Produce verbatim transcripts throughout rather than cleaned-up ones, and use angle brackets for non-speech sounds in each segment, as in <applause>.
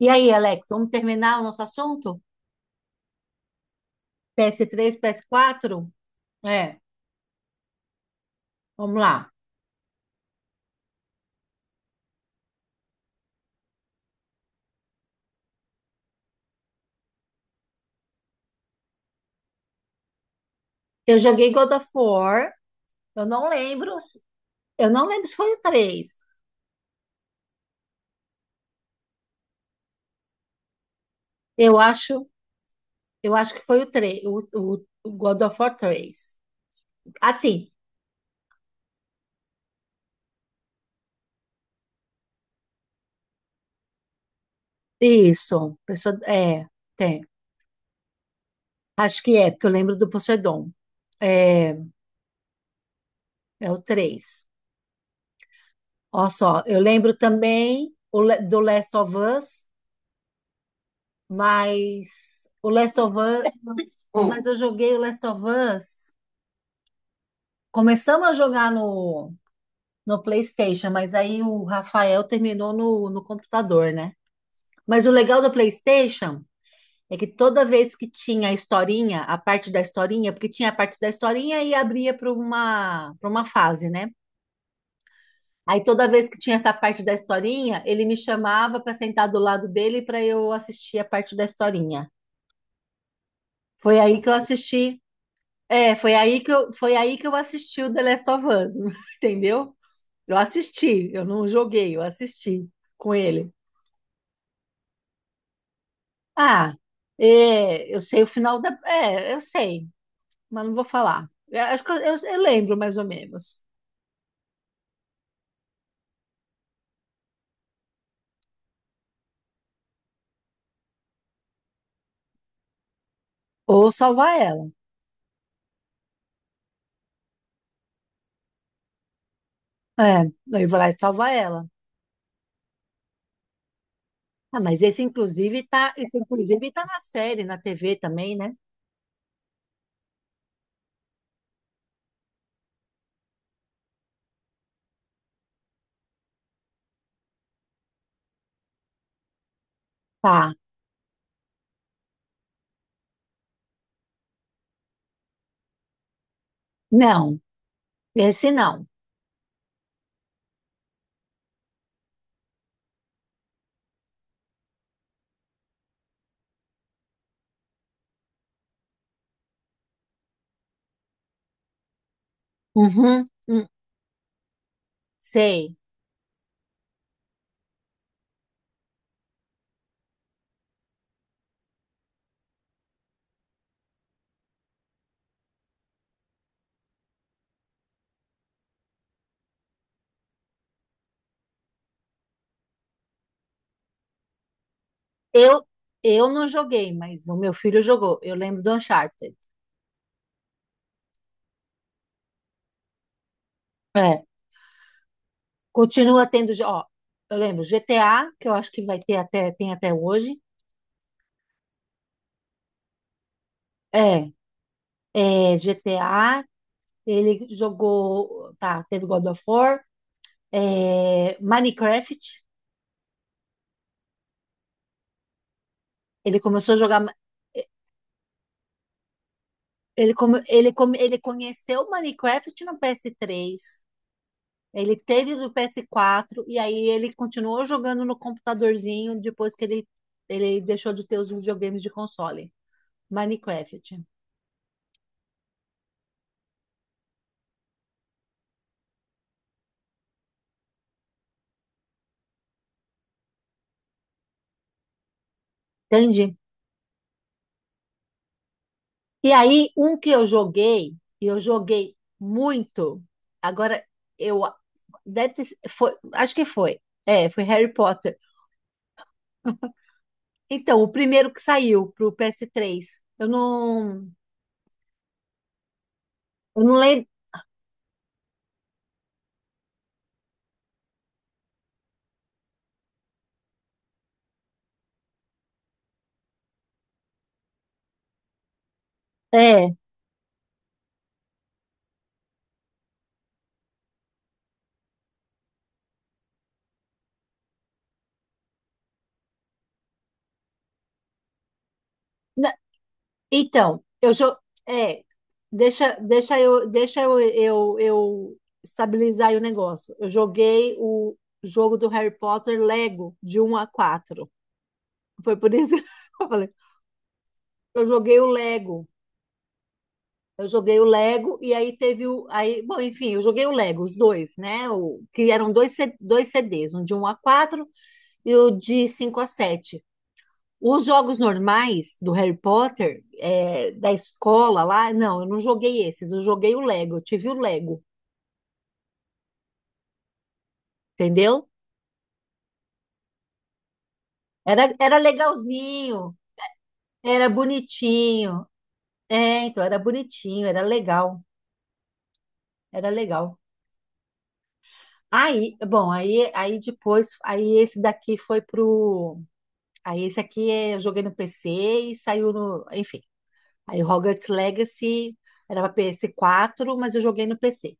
E aí, Alex, vamos terminar o nosso assunto? P S três, P S quatro? É, vamos lá. Eu joguei God of War, eu não lembro, se- eu não lembro se foi o três. Eu acho, eu acho que foi o três. o, o- o God of War três. Assim, isso, pessoa, é, tem. Acho que é, porque eu lembro do Poseidon. É, é o três. Olha só, eu lembro também o le- do Last of Us, Mas o Last of Us, Hum. mas eu joguei o Last of Us. Começamos a jogar no, no PlayStation, mas aí o Rafael terminou no, no computador, né? Mas o legal do PlayStation é que toda vez que tinha a historinha, a parte da historinha, porque tinha a parte da historinha e abria para uma, para uma fase, né? Aí toda vez que tinha essa parte da historinha, ele me chamava para sentar do lado dele para eu assistir a parte da historinha. Foi aí que eu assisti É, foi aí que eu, foi aí que eu assisti o The Last of Us, <laughs> entendeu? Eu assisti, eu não joguei, eu assisti com ele. Ah, é, eu sei o final da. É, eu sei, mas não vou falar. Eu acho que eu, eu- eu lembro mais ou menos. Ou salvar ela. É, ele vai lá e salva ela. Ah, mas esse inclusive tá, esse inclusive tá na série, na T V também, né? Tá. Não, esse não. Uhum, hum, sei. Eu, eu não joguei, mas o meu filho jogou. Eu lembro do Uncharted. É. Continua tendo, jo- ó, eu lembro G T A, que eu acho que vai ter até, tem até hoje. É. É, G T A, ele jogou, tá, teve God of War, é, Minecraft, ele começou a jogar. Ma- ele, come, ele, come, ele conheceu Minecraft no P S três. Ele teve do P S quatro e aí ele continuou jogando no computadorzinho depois que ele, ele deixou de ter os videogames de console. Minecraft. Entende? E aí, um que eu joguei, e eu joguei muito, agora eu. Deve ter, si- foi, acho que foi. É, foi Harry Potter. Então, o primeiro que saiu pro P S três. Eu não. Eu não lembro. É. Então, eu jo... é, deixa, deixa eu, deixa eu, eu, eu estabilizar aí o negócio. Eu joguei o jogo do Harry Potter Lego de um a quatro. Foi por isso <laughs> que eu falei. Eu joguei o Lego. Eu joguei o Lego e aí teve o aí, bom, enfim, eu joguei o Lego, os dois, né? O que eram dois C- dois C Ds, um de um a quatro e o de cinco a sete. Os jogos normais do Harry Potter, é, da escola lá, não, eu não joguei esses, eu joguei o Lego, eu tive o Lego, entendeu? Era, era legalzinho, era bonitinho. É, então era bonitinho, era legal, era legal. Aí, bom, aí, aí depois, aí esse daqui foi pro. Aí esse aqui é, eu joguei no P C e saiu no. Enfim. Aí Hogwarts Legacy era pra P S quatro, mas eu joguei no P C.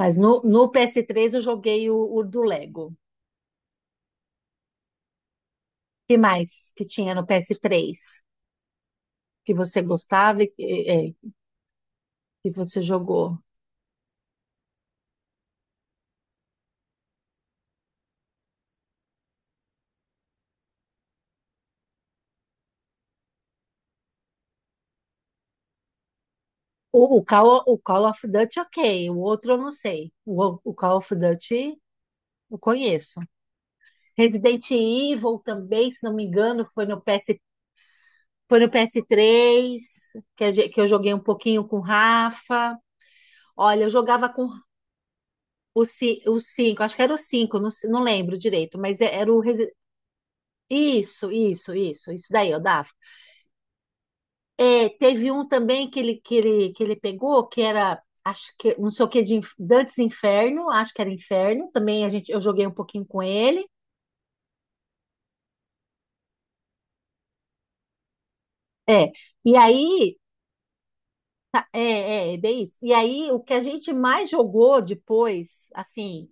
Mas no, no P S três eu joguei o, o do Lego. O que mais que tinha no P S três que você gostava e que, é, que você jogou? O, o, Call, o Call of Duty, ok. O outro eu não sei. O, o Call of Duty eu conheço. Resident Evil também, se não me engano, foi no PS, foi no P S três que, a gen- que eu joguei um pouquinho com o Rafa. Olha, eu jogava com o, ci- o cinco, acho que era o cinco. Não, se- não lembro direito, mas é- era o, Resi-. Isso, isso, isso, isso daí eu dava. É, teve um também que ele, que ele, que ele pegou, que era, acho que, não sei o que, de Inf- Dantes Inferno, acho que era Inferno, também a gente, eu joguei um pouquinho com ele. É, e aí, é, é, é bem isso. E aí, o que a gente mais jogou depois, assim,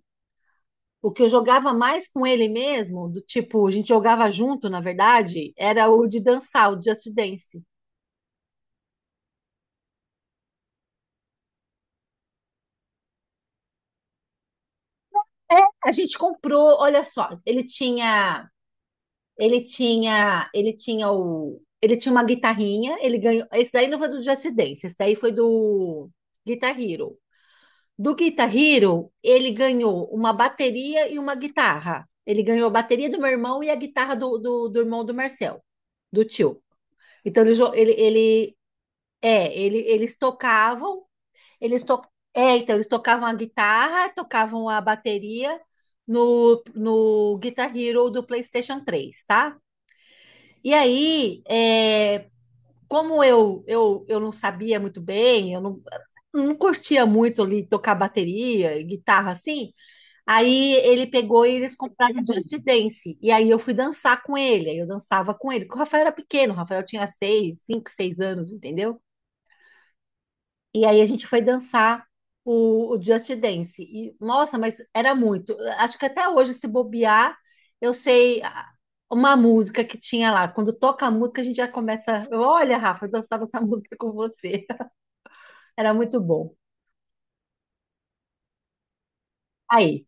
o que eu jogava mais com ele mesmo, do tipo, a gente jogava junto, na verdade, era o de dançar, o Just Dance. É, a gente comprou, olha só, ele tinha. Ele tinha, ele tinha o, ele tinha uma guitarrinha, ele ganhou. Esse daí não foi do Just Dance, esse daí foi do Guitar Hero. Do Guitar Hero, ele ganhou uma bateria e uma guitarra. Ele ganhou a bateria do meu irmão e a guitarra do, do, do irmão do Marcel, do tio. Então ele, jo- ele, ele é, ele, eles tocavam. eles to, é, então eles tocavam a guitarra, tocavam a bateria no, no Guitar Hero do PlayStation três, tá? E aí, é, como eu, eu, eu não sabia muito bem, eu não, não curtia muito ali tocar bateria, guitarra assim, aí ele pegou e eles compraram Just Dance. E aí eu fui dançar com ele, aí eu dançava com ele, porque o Rafael era pequeno, o Rafael tinha seis, cinco, seis anos, entendeu? E aí a gente foi dançar o, o Just Dance. E, nossa, mas era muito. Acho que até hoje, se bobear, eu sei ah, uma música que tinha lá. Quando toca a música, a gente já começa. eu, Olha, Rafa, eu dançava essa <laughs> música com você. Era muito bom. Aí.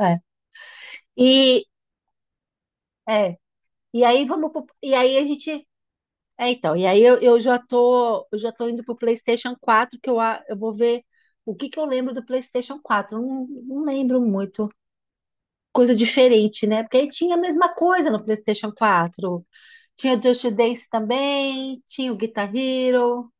É. E, é, e aí vamos pro- E aí a gente. É, então, e aí eu, eu já tô, eu já tô indo pro PlayStation quatro, que eu, a- eu vou ver o que que eu lembro do PlayStation quatro. Eu Não, não lembro muito. Coisa diferente, né? Porque aí tinha a mesma coisa no PlayStation quatro. Tinha Just Dance também, tinha o Guitar Hero.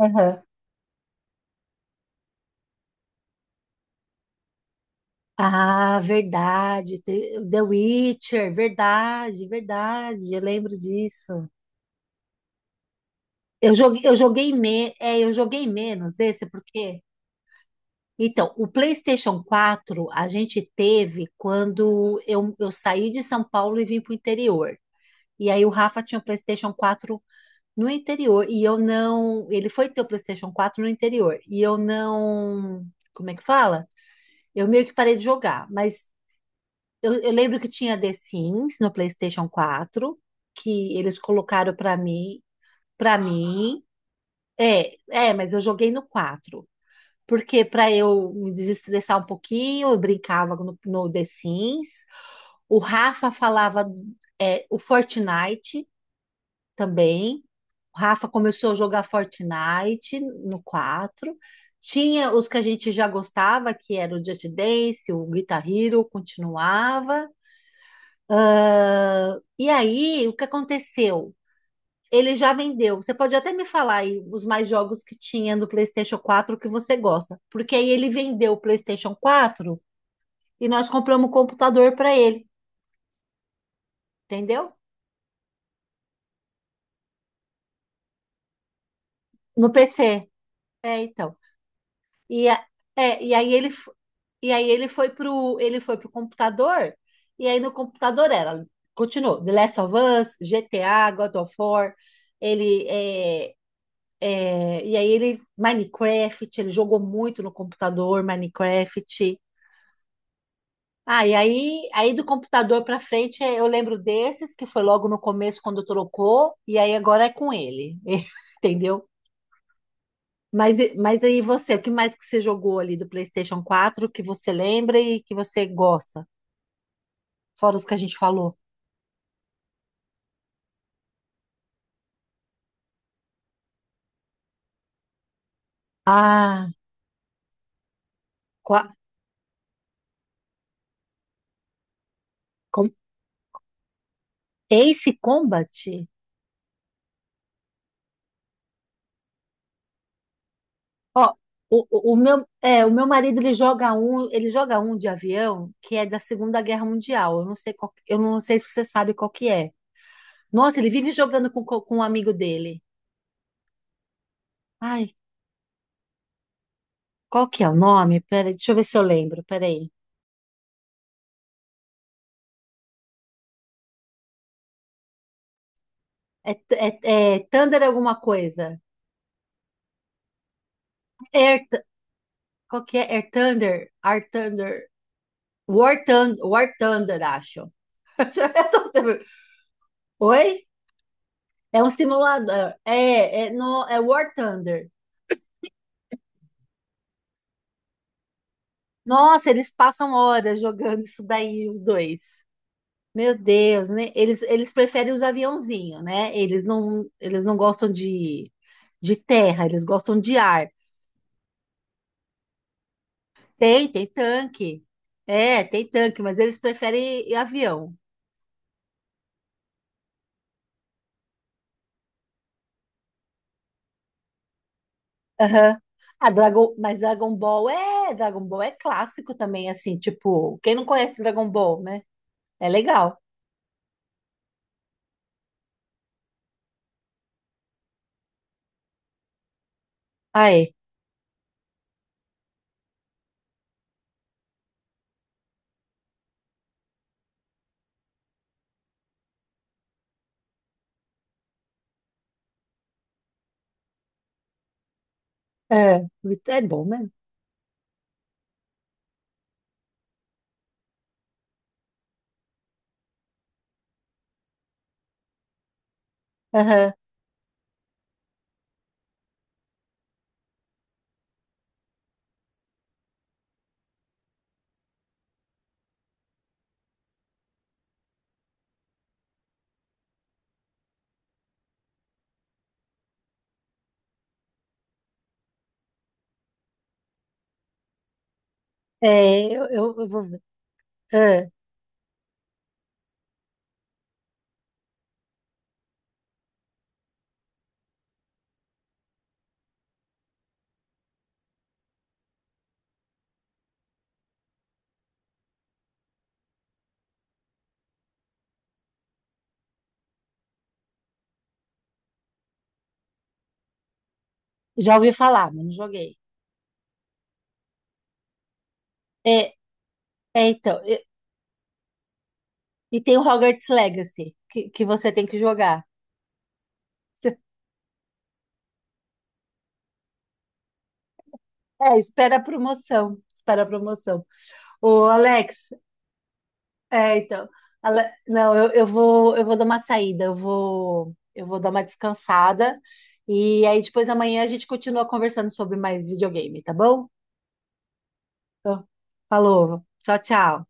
Aham. Ah, verdade. te- The Witcher, verdade, verdade. Eu lembro disso. Eu joguei, eu joguei, me, é, eu joguei menos esse, porque. Então, o PlayStation quatro a gente teve quando eu, eu saí de São Paulo e vim para o interior. E aí o Rafa tinha o PlayStation quatro no interior e eu não. Ele foi ter o PlayStation quatro no interior e eu não. Como é que fala? Eu meio que parei de jogar, mas eu, eu lembro que tinha The Sims no PlayStation quatro que eles colocaram pra mim, para mim. É, é, mas eu joguei no quatro. Porque para eu me desestressar um pouquinho, eu brincava no, no The Sims. O Rafa falava é, o Fortnite também. O Rafa começou a jogar Fortnite no quatro. Tinha os que a gente já gostava, que era o Just Dance, o Guitar Hero, continuava. E aí, o que aconteceu? Ele já vendeu. Você pode até me falar aí os mais jogos que tinha no PlayStation quatro que você gosta. Porque aí ele vendeu o PlayStation quatro e nós compramos um computador para ele, entendeu? No P C. É, então. E, a- é, e aí ele f- e aí ele foi pro ele foi pro computador, e aí no computador era continuou The Last of Us, G T A, God of War. Ele é, é, e aí ele Minecraft, Ele jogou muito no computador Minecraft. Ah, e aí, aí do computador para frente é, eu lembro desses que foi logo no começo quando trocou, e aí agora é com ele, <laughs> entendeu? Mas, e- mas aí você, o que mais que você jogou ali do PlayStation quatro que você lembra e que você gosta? Fora os que a gente falou. Ah, qua- com, Ace Combat? Ó, o, o, o meu, é, o meu marido, ele joga um, ele joga um de avião que é da Segunda Guerra Mundial. Eu não sei qual, eu não sei se você sabe qual que é. Nossa, ele vive jogando com, co- com um amigo dele. Ai, qual que é o nome? Pera, deixa eu ver se eu lembro. Peraí. É, t- é, é Thunder alguma coisa. Qual que é? Air Thunder? Air Thunder. War Thunder, War Thunder, acho. <laughs> Eu tô tendo-. Oi? É um simulador. É, é, no, é War Thunder. Nossa, eles passam horas jogando isso daí, os dois. Meu Deus, né? Eles, eles preferem os aviãozinhos, né? Eles não, eles não gostam de, de terra, eles gostam de ar. Tem, tem tanque. É, tem tanque, mas eles preferem avião. Aham. A Dragon, mas Dragon Ball é, Dragon Ball é clássico também, assim, tipo, quem não conhece Dragon Ball, né? É legal. Aí, é, muito- É bom mesmo. Aham. É, eu, eu, eu vou ver. É, já ouvi falar, mas não joguei. É, é então, e, e tem o Hogwarts Legacy, que, que você tem que jogar. <laughs> É, espera a promoção, espera a promoção. Ô, Alex, É, então. Ale- Não, eu, eu vou, eu vou dar uma saída, eu vou, eu vou dar uma descansada. E aí depois amanhã a gente continua conversando sobre mais videogame, tá bom? Então, falou. Tchau, tchau.